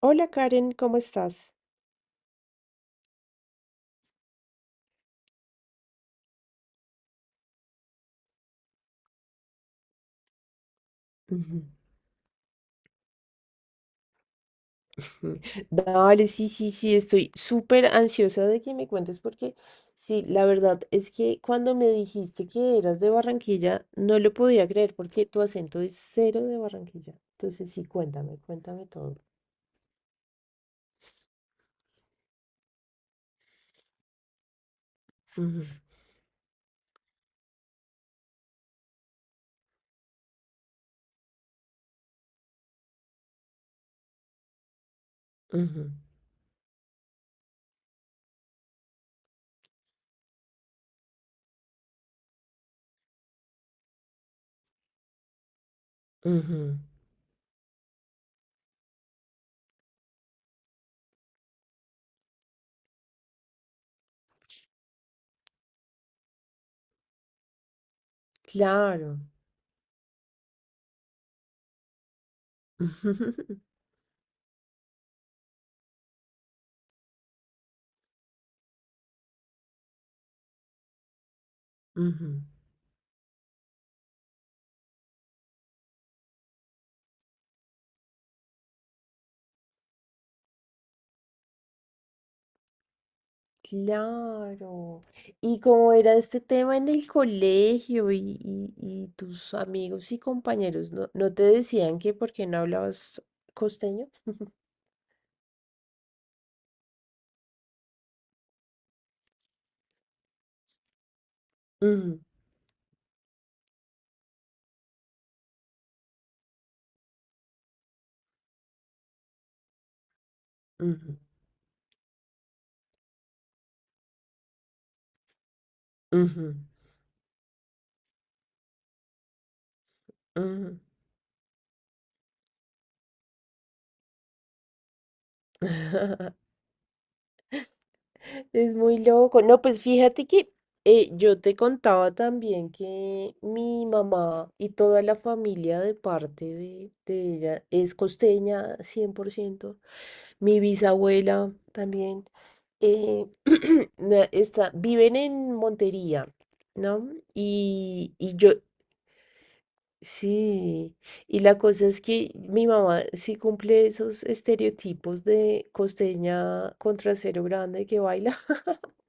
Hola Karen, ¿cómo estás? Ujú. Dale, sí, sí, sí, estoy súper ansiosa de que me cuentes porque sí, la verdad es que cuando me dijiste que eras de Barranquilla, no lo podía creer porque tu acento es cero de Barranquilla. Entonces sí, cuéntame, cuéntame todo. Ujú, ujú, ujú. Claro. Ujú. Claro. ¿Y cómo era este tema en el colegio y tus amigos y compañeros? ¿No, no te decían que por qué no hablabas costeño? Ujú, ujú, ujú, ujú. Es muy loco. No, pues fíjate que yo te contaba también que mi mamá y toda la familia de parte de ella es costeña 100%. Mi bisabuela también. eh, está, viven en Montería, ¿no? Y yo sí, y la cosa es que mi mamá sí cumple esos estereotipos de costeña con trasero grande que baila.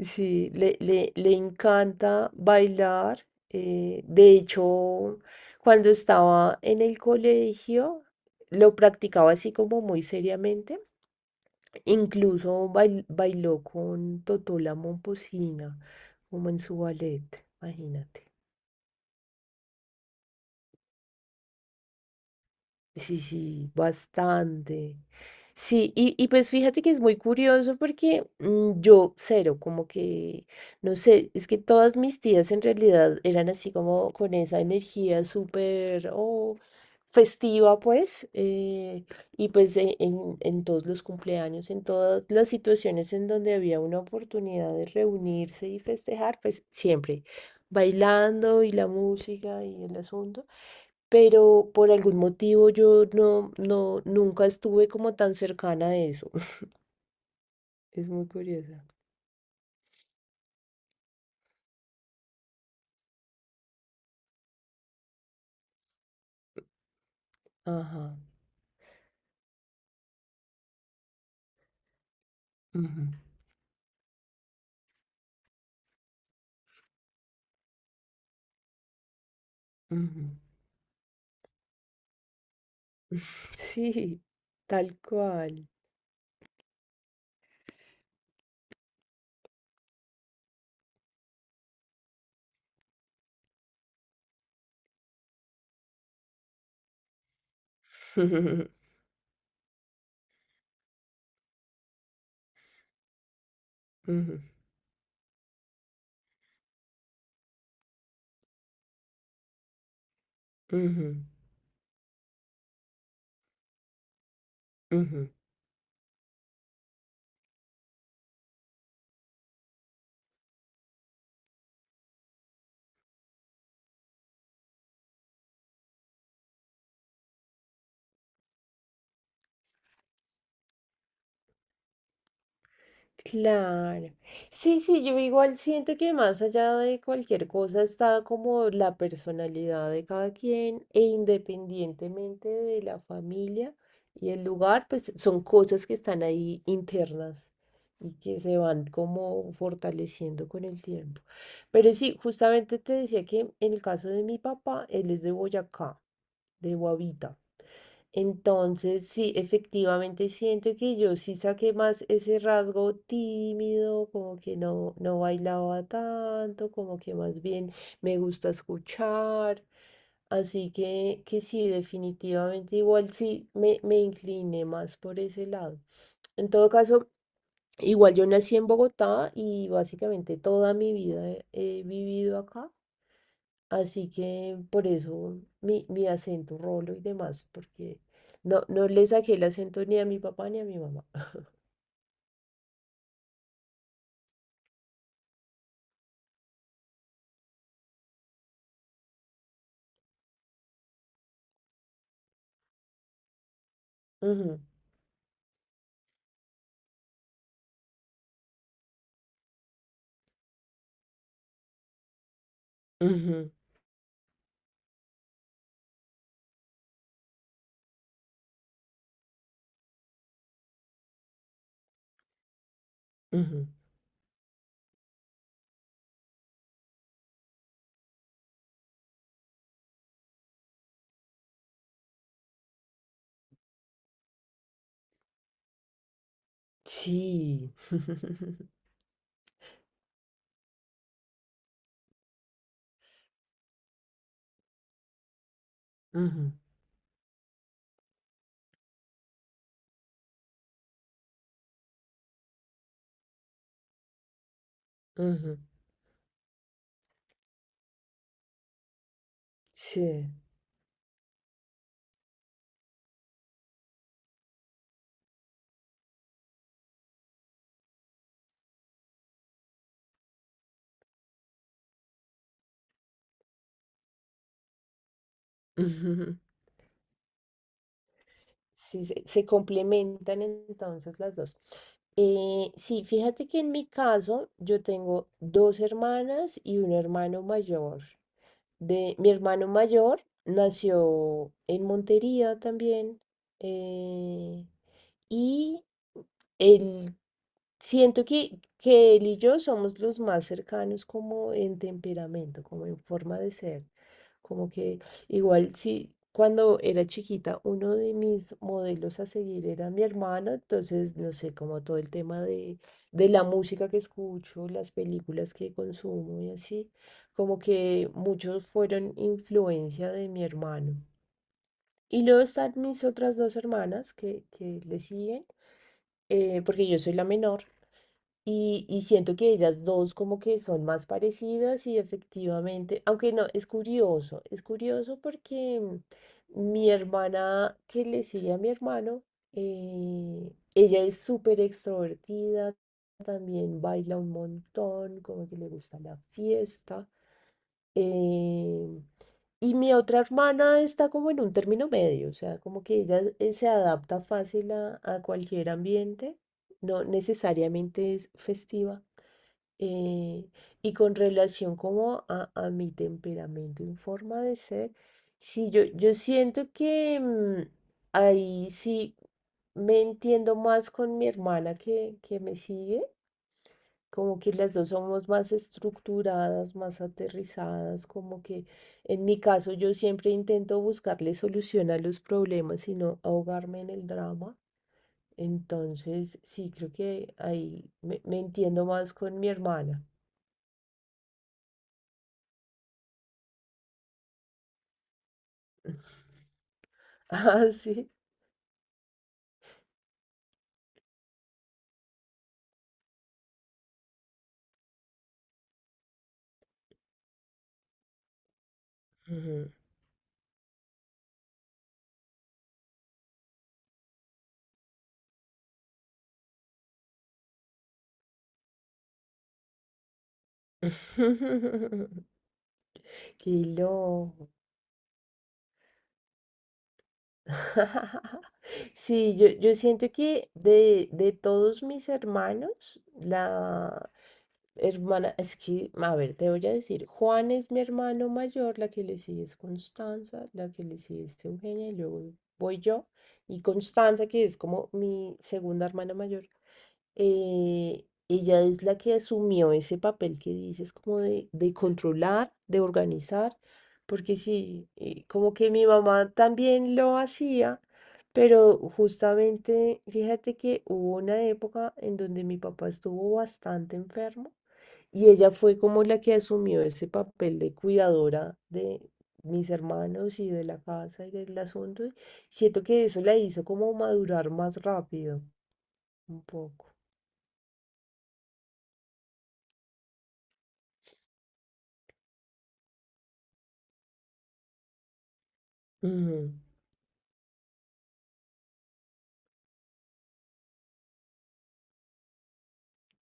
Sí, le encanta bailar. De hecho, cuando estaba en el colegio, lo practicaba así como muy seriamente. Incluso bailó con Totola Momposina, como en su ballet, imagínate. Sí, sí, bastante. Sí, y pues fíjate que es muy curioso porque yo cero, como que, no sé, es que todas mis tías en realidad eran así como con esa energía súper oh, festiva, pues, y pues en todos los cumpleaños, en todas las situaciones en donde había una oportunidad de reunirse y festejar, pues siempre bailando y la música y el asunto, pero por algún motivo yo no, no, nunca estuve como tan cercana a eso. Es muy curiosa. Ajá. Ujú, ujú. Sí, tal cual. Ujú, ujú, ujú. Claro. Sí, sí, yo igual siento que más allá de cualquier cosa está como la personalidad de cada quien e independientemente de la familia y el lugar, pues son cosas que están ahí internas y que se van como fortaleciendo con el tiempo. Pero sí, justamente te decía que en el caso de mi papá, él es de Boyacá, de Guavita. Entonces, sí, efectivamente siento que yo sí saqué más ese rasgo tímido, como que no, no bailaba tanto, como que más bien me gusta escuchar. Así que sí, definitivamente igual sí me incliné más por ese lado. En todo caso, igual yo nací en Bogotá y básicamente toda mi vida he vivido acá, así que por eso mi acento rolo y demás, porque no, no le saqué el acento ni a mi papá ni a mi mamá. Ujú, ujú, ujú. Sí. Ujú, ujú. Sí. Sí, se complementan entonces las dos. Sí, fíjate que en mi caso yo tengo dos hermanas y un hermano mayor. De mi hermano mayor nació en Montería también. eh, y Él, siento que él y yo somos los más cercanos como en temperamento, como en forma de ser. Como que igual si cuando era chiquita uno de mis modelos a seguir era mi hermano, entonces no sé, como todo el tema de la música que escucho, las películas que consumo y así como que muchos fueron influencia de mi hermano. Y luego están mis otras dos hermanas que le siguen, porque yo soy la menor. Y siento que ellas dos como que son más parecidas y efectivamente, aunque no, es curioso porque mi hermana que le sigue a mi hermano, ella es súper extrovertida, también baila un montón, como que le gusta la fiesta. Eh, y mi otra hermana está como en un término medio, o sea, como que ella se adapta fácil a cualquier ambiente, no necesariamente es festiva. eh, y con relación como a mi temperamento y forma de ser, sí, yo siento que ahí sí me entiendo más con mi hermana que me sigue. Como que las dos somos más estructuradas, más aterrizadas, como que en mi caso yo siempre intento buscarle solución a los problemas y no ahogarme en el drama. Entonces, sí, creo que ahí me entiendo más con mi hermana. Ah, sí. Ujú. Qué loco. Sí, yo siento que de todos mis hermanos, la, hermana, es que, a ver, te voy a decir, Juan es mi hermano mayor, la que le sigue es Constanza, la que le sigue es Eugenia, y luego voy yo, y Constanza, que es como mi segunda hermana mayor, ella es la que asumió ese papel que dices, como de controlar, de organizar, porque sí, como que mi mamá también lo hacía, pero justamente, fíjate que hubo una época en donde mi papá estuvo bastante enfermo. Y ella fue como la que asumió ese papel de cuidadora de mis hermanos y de la casa y del asunto, y siento que eso la hizo como madurar más rápido, un poco. Ujú,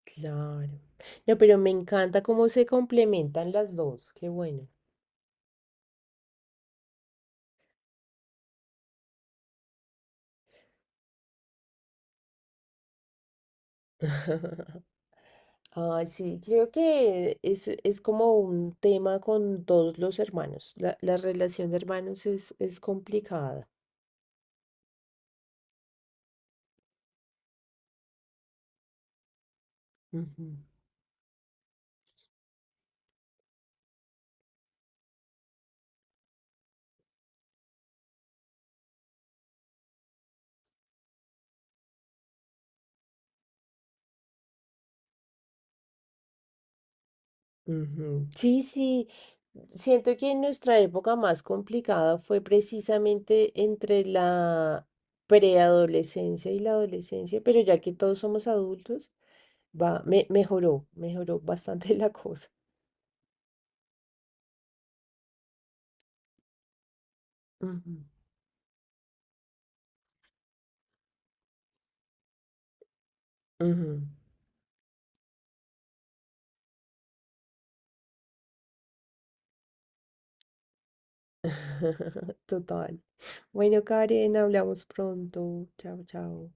claro. No, pero me encanta cómo se complementan las dos. Qué bueno. Ah, sí, creo que es como un tema con todos los hermanos. La relación de hermanos es complicada. Ujú. Ujú. Sí, sí, siento que nuestra época más complicada fue precisamente entre la preadolescencia y la adolescencia, pero ya que todos somos adultos, va, me, mejoró, mejoró bastante la cosa. Ujú, ujú. Total. Bueno, Karen, hablamos pronto. Chao, chao.